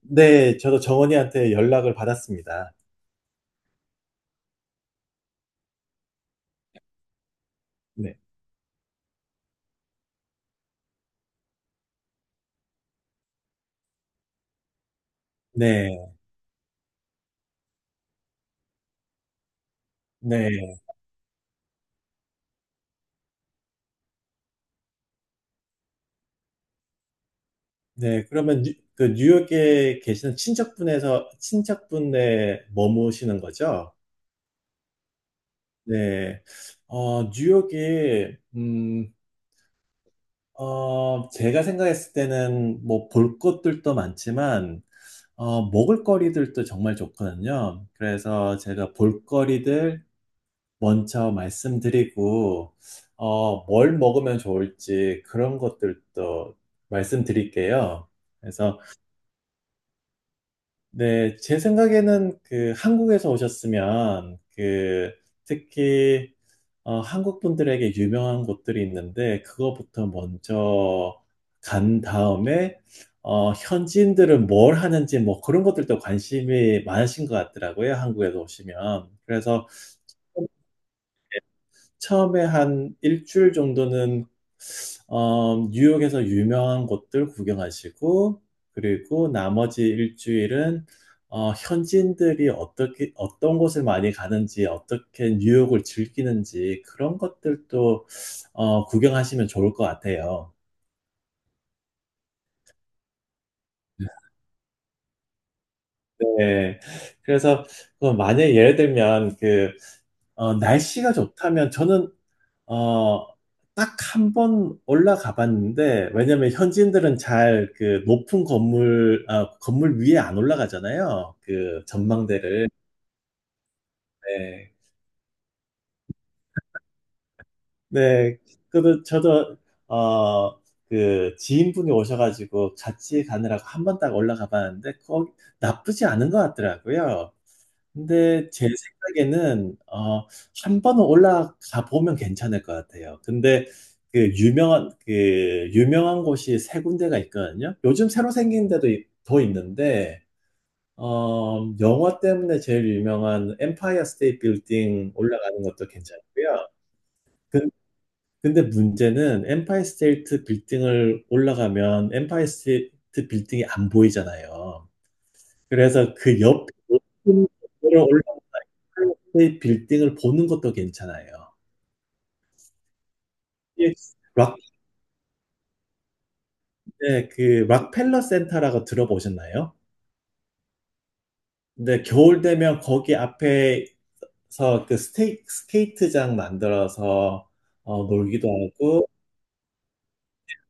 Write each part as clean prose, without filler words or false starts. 네. 저도 정언니한테 연락을 받았습니다. 네. 네. 네. 네. 그러면 뉴 그 뉴욕에 계시는 친척분에 머무시는 거죠? 네. 뉴욕이, 제가 생각했을 때는 뭐 볼 것들도 많지만 먹을거리들도 정말 좋거든요. 그래서 제가 볼거리들 먼저 말씀드리고, 뭘 먹으면 좋을지 그런 것들도 말씀드릴게요. 그래서, 네, 제 생각에는 그 한국에서 오셨으면 그 특히 한국 분들에게 유명한 곳들이 있는데 그거부터 먼저 간 다음에, 현지인들은 뭘 하는지 뭐 그런 것들도 관심이 많으신 것 같더라고요. 한국에서 오시면. 그래서 처음에 한 일주일 정도는 뉴욕에서 유명한 곳들 구경하시고, 그리고 나머지 일주일은 현지인들이 어떻게, 어떤 곳을 많이 가는지, 어떻게 뉴욕을 즐기는지, 그런 것들도 구경하시면 좋을 것 같아요. 네. 그래서 그 만약에 예를 들면 그 날씨가 좋다면 저는 어, 딱 한번 올라가 봤는데, 왜냐면 현지인들은 잘 그 높은 건물 위에 안 올라가잖아요. 그 전망대를. 네. 네, 그, 저도, 어, 그, 지인분이 오셔가지고 같이 가느라고 한 번 딱 올라가 봤는데, 거기 나쁘지 않은 것 같더라고요. 근데 제 생각에는, 한 번 올라가 보면 괜찮을 것 같아요. 근데 그 유명한 곳이 세 군데가 있거든요. 요즘 새로 생긴 데도 더 있는데, 영화 때문에 제일 유명한 엠파이어 스테이트 빌딩 올라가는 것도 괜찮고요. 근데 문제는 엠파이 스테이트 빌딩을 올라가면 엠파이 스테이트 빌딩이 안 보이잖아요. 그래서 그 옆에 높은 건물을 올라가는 그 빌딩을 보는 것도 괜찮아요. 예, 락, 네, 그 락펠러 센터라고 들어보셨나요? 근데 겨울 되면 거기 앞에서 그 스케이트장 만들어서 놀기도 하고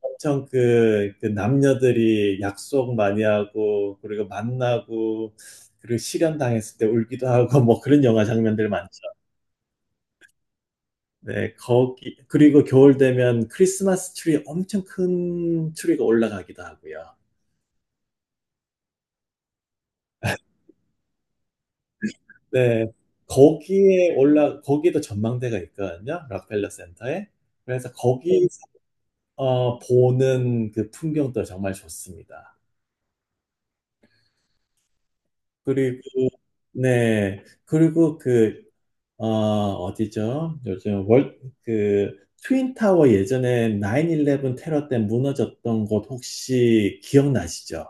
엄청 그 남녀들이 약속 많이 하고 그리고 만나고 그리고 실현당했을 때 울기도 하고 뭐 그런 영화 장면들 많죠. 네, 거기 그리고 겨울 되면 크리스마스 트리, 엄청 큰 트리가 올라가기도 하고요. 네, 거기에 올라 거기도 전망대가 있거든요. 락펠러 센터에. 그래서 거기 보는 그 풍경도 정말 좋습니다. 그리고 네, 그리고 그 어디죠? 요즘 트윈타워 예전에 9/11 테러 때 무너졌던 곳 혹시 기억나시죠?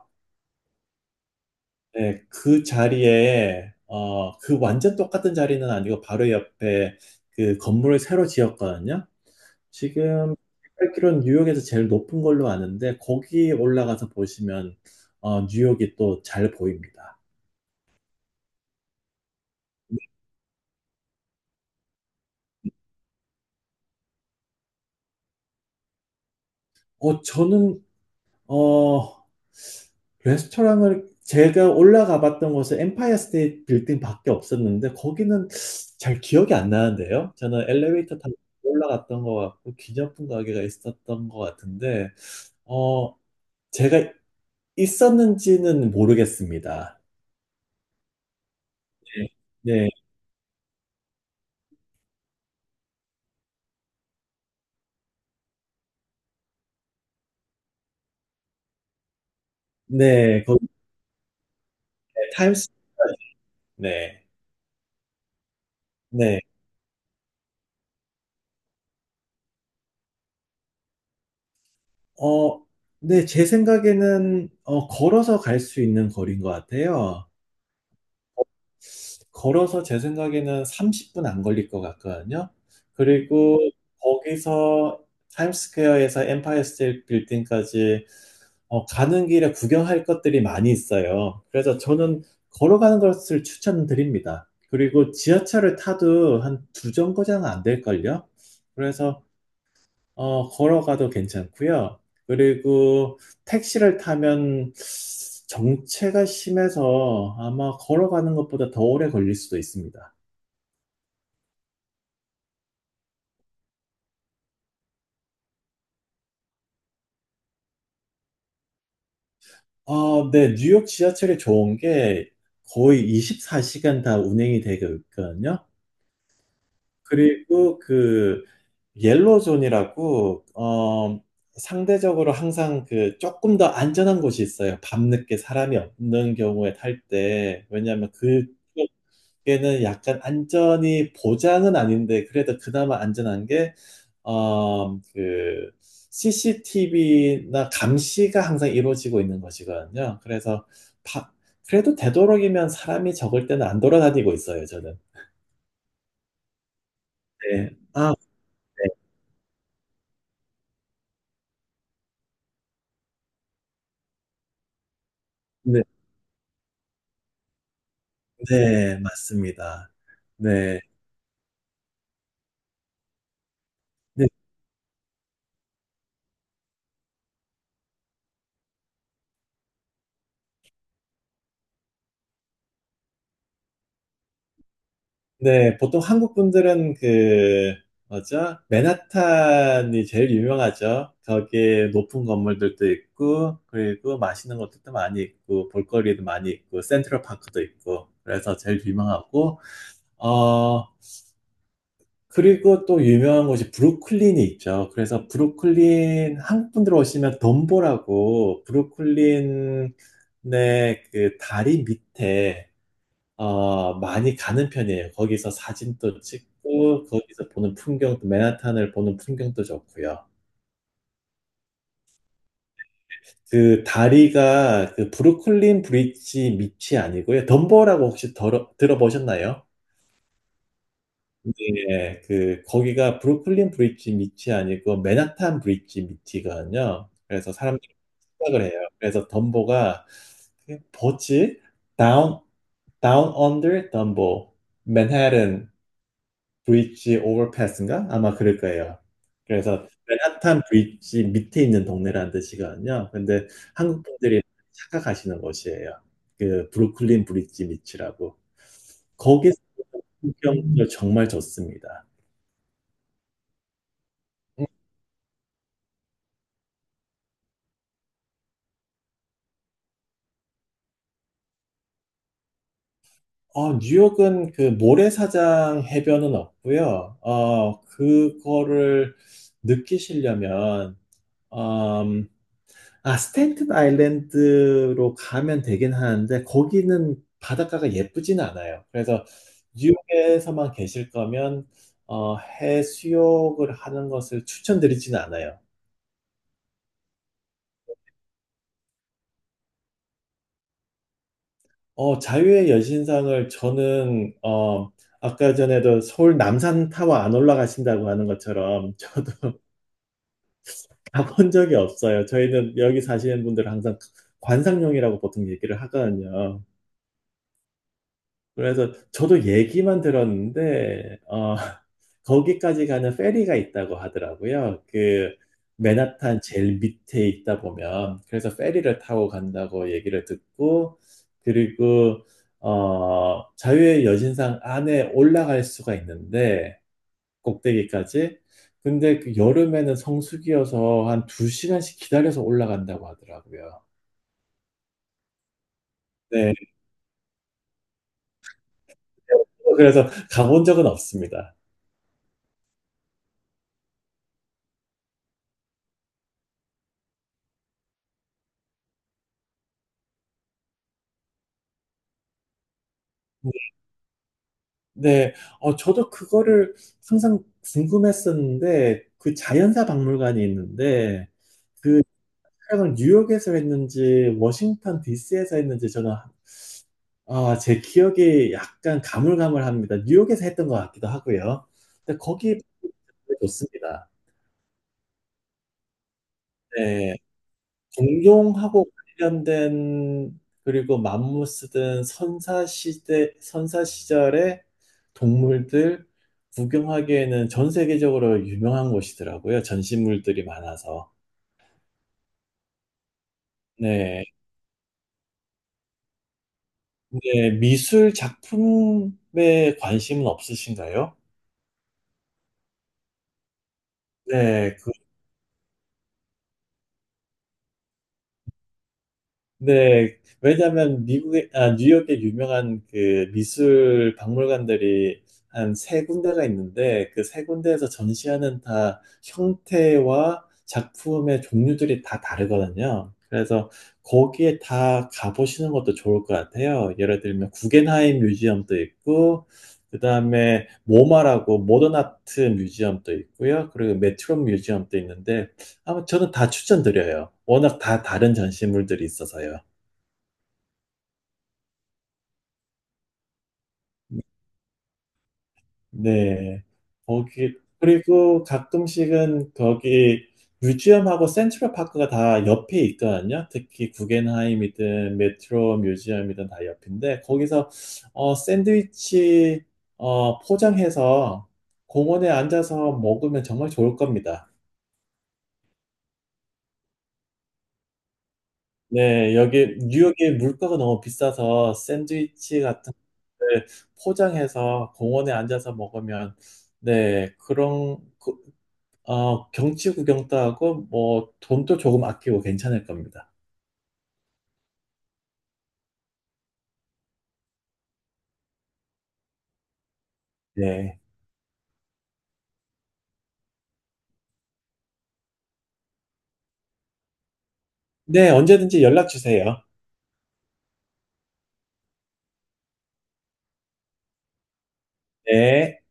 네, 그 자리에, 그 완전 똑같은 자리는 아니고 바로 옆에 그 건물을 새로 지었거든요. 지금 8km는 뉴욕에서 제일 높은 걸로 아는데 거기 올라가서 보시면 뉴욕이 또 잘 보입니다. 저는 어, 레스토랑을 제가 올라가 봤던 곳은 엠파이어 스테이트 빌딩밖에 없었는데 거기는 잘 기억이 안 나는데요. 저는 엘리베이터 타고 올라갔던 것 같고 기념품 가게가 있었던 것 같은데 어, 제가 있었는지는 모르겠습니다. 네, 네, 네, 거기 타임스, 네, 네. 어, 네, 제 생각에는 걸어서 갈 수 있는 거리인 것 같아요. 걸어서 제 생각에는 30분 안 걸릴 것 같거든요. 그리고 거기서 타임스퀘어에서 엠파이어 스테이트 빌딩까지 가는 길에 구경할 것들이 많이 있어요. 그래서 저는 걸어가는 것을 추천드립니다. 그리고 지하철을 타도 한 두 정거장 안 될걸요? 그래서 걸어가도 괜찮고요. 그리고 택시를 타면 정체가 심해서 아마 걸어가는 것보다 더 오래 걸릴 수도 있습니다. 아, 네, 뉴욕 지하철이 좋은 게 거의 24시간 다 운행이 되고 있거든요. 그리고 그 옐로존이라고, 상대적으로 항상 그 조금 더 안전한 곳이 있어요. 밤늦게 사람이 없는 경우에 탈 때. 왜냐하면 그쪽에는 약간 안전이 보장은 아닌데 그래도 그나마 안전한 게 그 CCTV나 감시가 항상 이루어지고 있는 것이거든요. 그래서 바- 그래도 되도록이면 사람이 적을 때는 안 돌아다니고 있어요, 저는. 네. 아, 네. 네, 네, 맞습니다. 네. 네, 네, 보통 한국 분들은 그 뭐죠? 맨하탄이 제일 유명하죠. 거기에 높은 건물들도 있고, 그리고 맛있는 것들도 많이 있고, 볼거리도 많이 있고, 센트럴 파크도 있고, 그래서 제일 유명하고, 어, 그리고 또 유명한 곳이 브루클린이 있죠. 그래서 브루클린, 한국 분들 오시면 덤보라고 브루클린의 그 다리 밑에, 많이 가는 편이에요. 거기서 사진도 찍고, 거기서 보는 풍경도, 맨하탄을 보는 풍경도 좋고요. 그 다리가 그 브루클린 브릿지 밑이 아니고요. 덤보라고 혹시 들어보셨나요? 예. 그 거기가 브루클린 브릿지 밑이 아니고 맨하탄 브릿지 밑이거든요. 그래서 사람들이 착각을 해요. 그래서 덤보가, 그게 뭐지? Down Under 덤보 맨해튼 브릿지 오버패스인가? 아마 그럴 거예요. 그래서 맨하탄 브릿지 밑에 있는 동네라는 뜻이거든요. 근데 한국 분들이 착각하시는 곳이에요. 그 브루클린 브릿지 밑이라고. 거기서 풍경도 정말 좋습니다. 뉴욕은 그 모래사장 해변은 없고요. 그거를 느끼시려면 음, 스탠튼 아일랜드로 가면 되긴 하는데 거기는 바닷가가 예쁘진 않아요. 그래서 뉴욕에서만 계실 거면 해수욕을 하는 것을 추천드리진 않아요. 자유의 여신상을 저는, 아까 전에도 서울 남산타워 안 올라가신다고 하는 것처럼 저도 가본 적이 없어요. 저희는 여기 사시는 분들은 항상 관상용이라고 보통 얘기를 하거든요. 그래서 저도 얘기만 들었는데, 거기까지 가는 페리가 있다고 하더라고요. 그, 맨하탄 제일 밑에 있다 보면, 그래서 페리를 타고 간다고 얘기를 듣고, 그리고, 자유의 여신상 안에 올라갈 수가 있는데, 꼭대기까지. 근데 그 여름에는 성수기여서 한 두시간씩 기다려서 올라간다고 하더라고요. 네. 그래서 가본 적은 없습니다. 네, 저도 그거를 항상 궁금했었는데, 그 자연사 박물관이 있는데, 그 촬영을 뉴욕에서 했는지, 워싱턴 DC에서 했는지, 저는, 아, 제 기억이 약간 가물가물합니다. 뉴욕에서 했던 것 같기도 하고요. 근데 거기 좋습니다. 네. 공룡하고 관련된, 그리고 맘무스든 선사 시절의 동물들 구경하기에는 전 세계적으로 유명한 곳이더라고요. 전시물들이 많아서. 네. 근데 미술 작품에 관심은 없으신가요? 네. 네, 왜냐하면 뉴욕에 유명한 그 미술 박물관들이 한 세 군데가 있는데 그 세 군데에서 전시하는 다 형태와 작품의 종류들이 다 다르거든요. 그래서 거기에 다 가보시는 것도 좋을 것 같아요. 예를 들면 구겐하임 뮤지엄도 있고, 그다음에 모마라고 모던 아트 뮤지엄도 있고요. 그리고 메트로 뮤지엄도 있는데 아마 저는 다 추천드려요. 워낙 다 다른 전시물들이 있어서요. 네. 거기, 그리고 가끔씩은 거기 뮤지엄하고 센트럴 파크가 다 옆에 있거든요. 특히 구겐하임이든 메트로 뮤지엄이든 다 옆인데, 거기서 샌드위치 포장해서 공원에 앉아서 먹으면 정말 좋을 겁니다. 네, 여기 뉴욕의 물가가 너무 비싸서 샌드위치 같은 걸 포장해서 공원에 앉아서 먹으면, 네, 경치 구경도 하고, 뭐, 돈도 조금 아끼고 괜찮을 겁니다. 네. 네, 언제든지 연락 주세요. 네.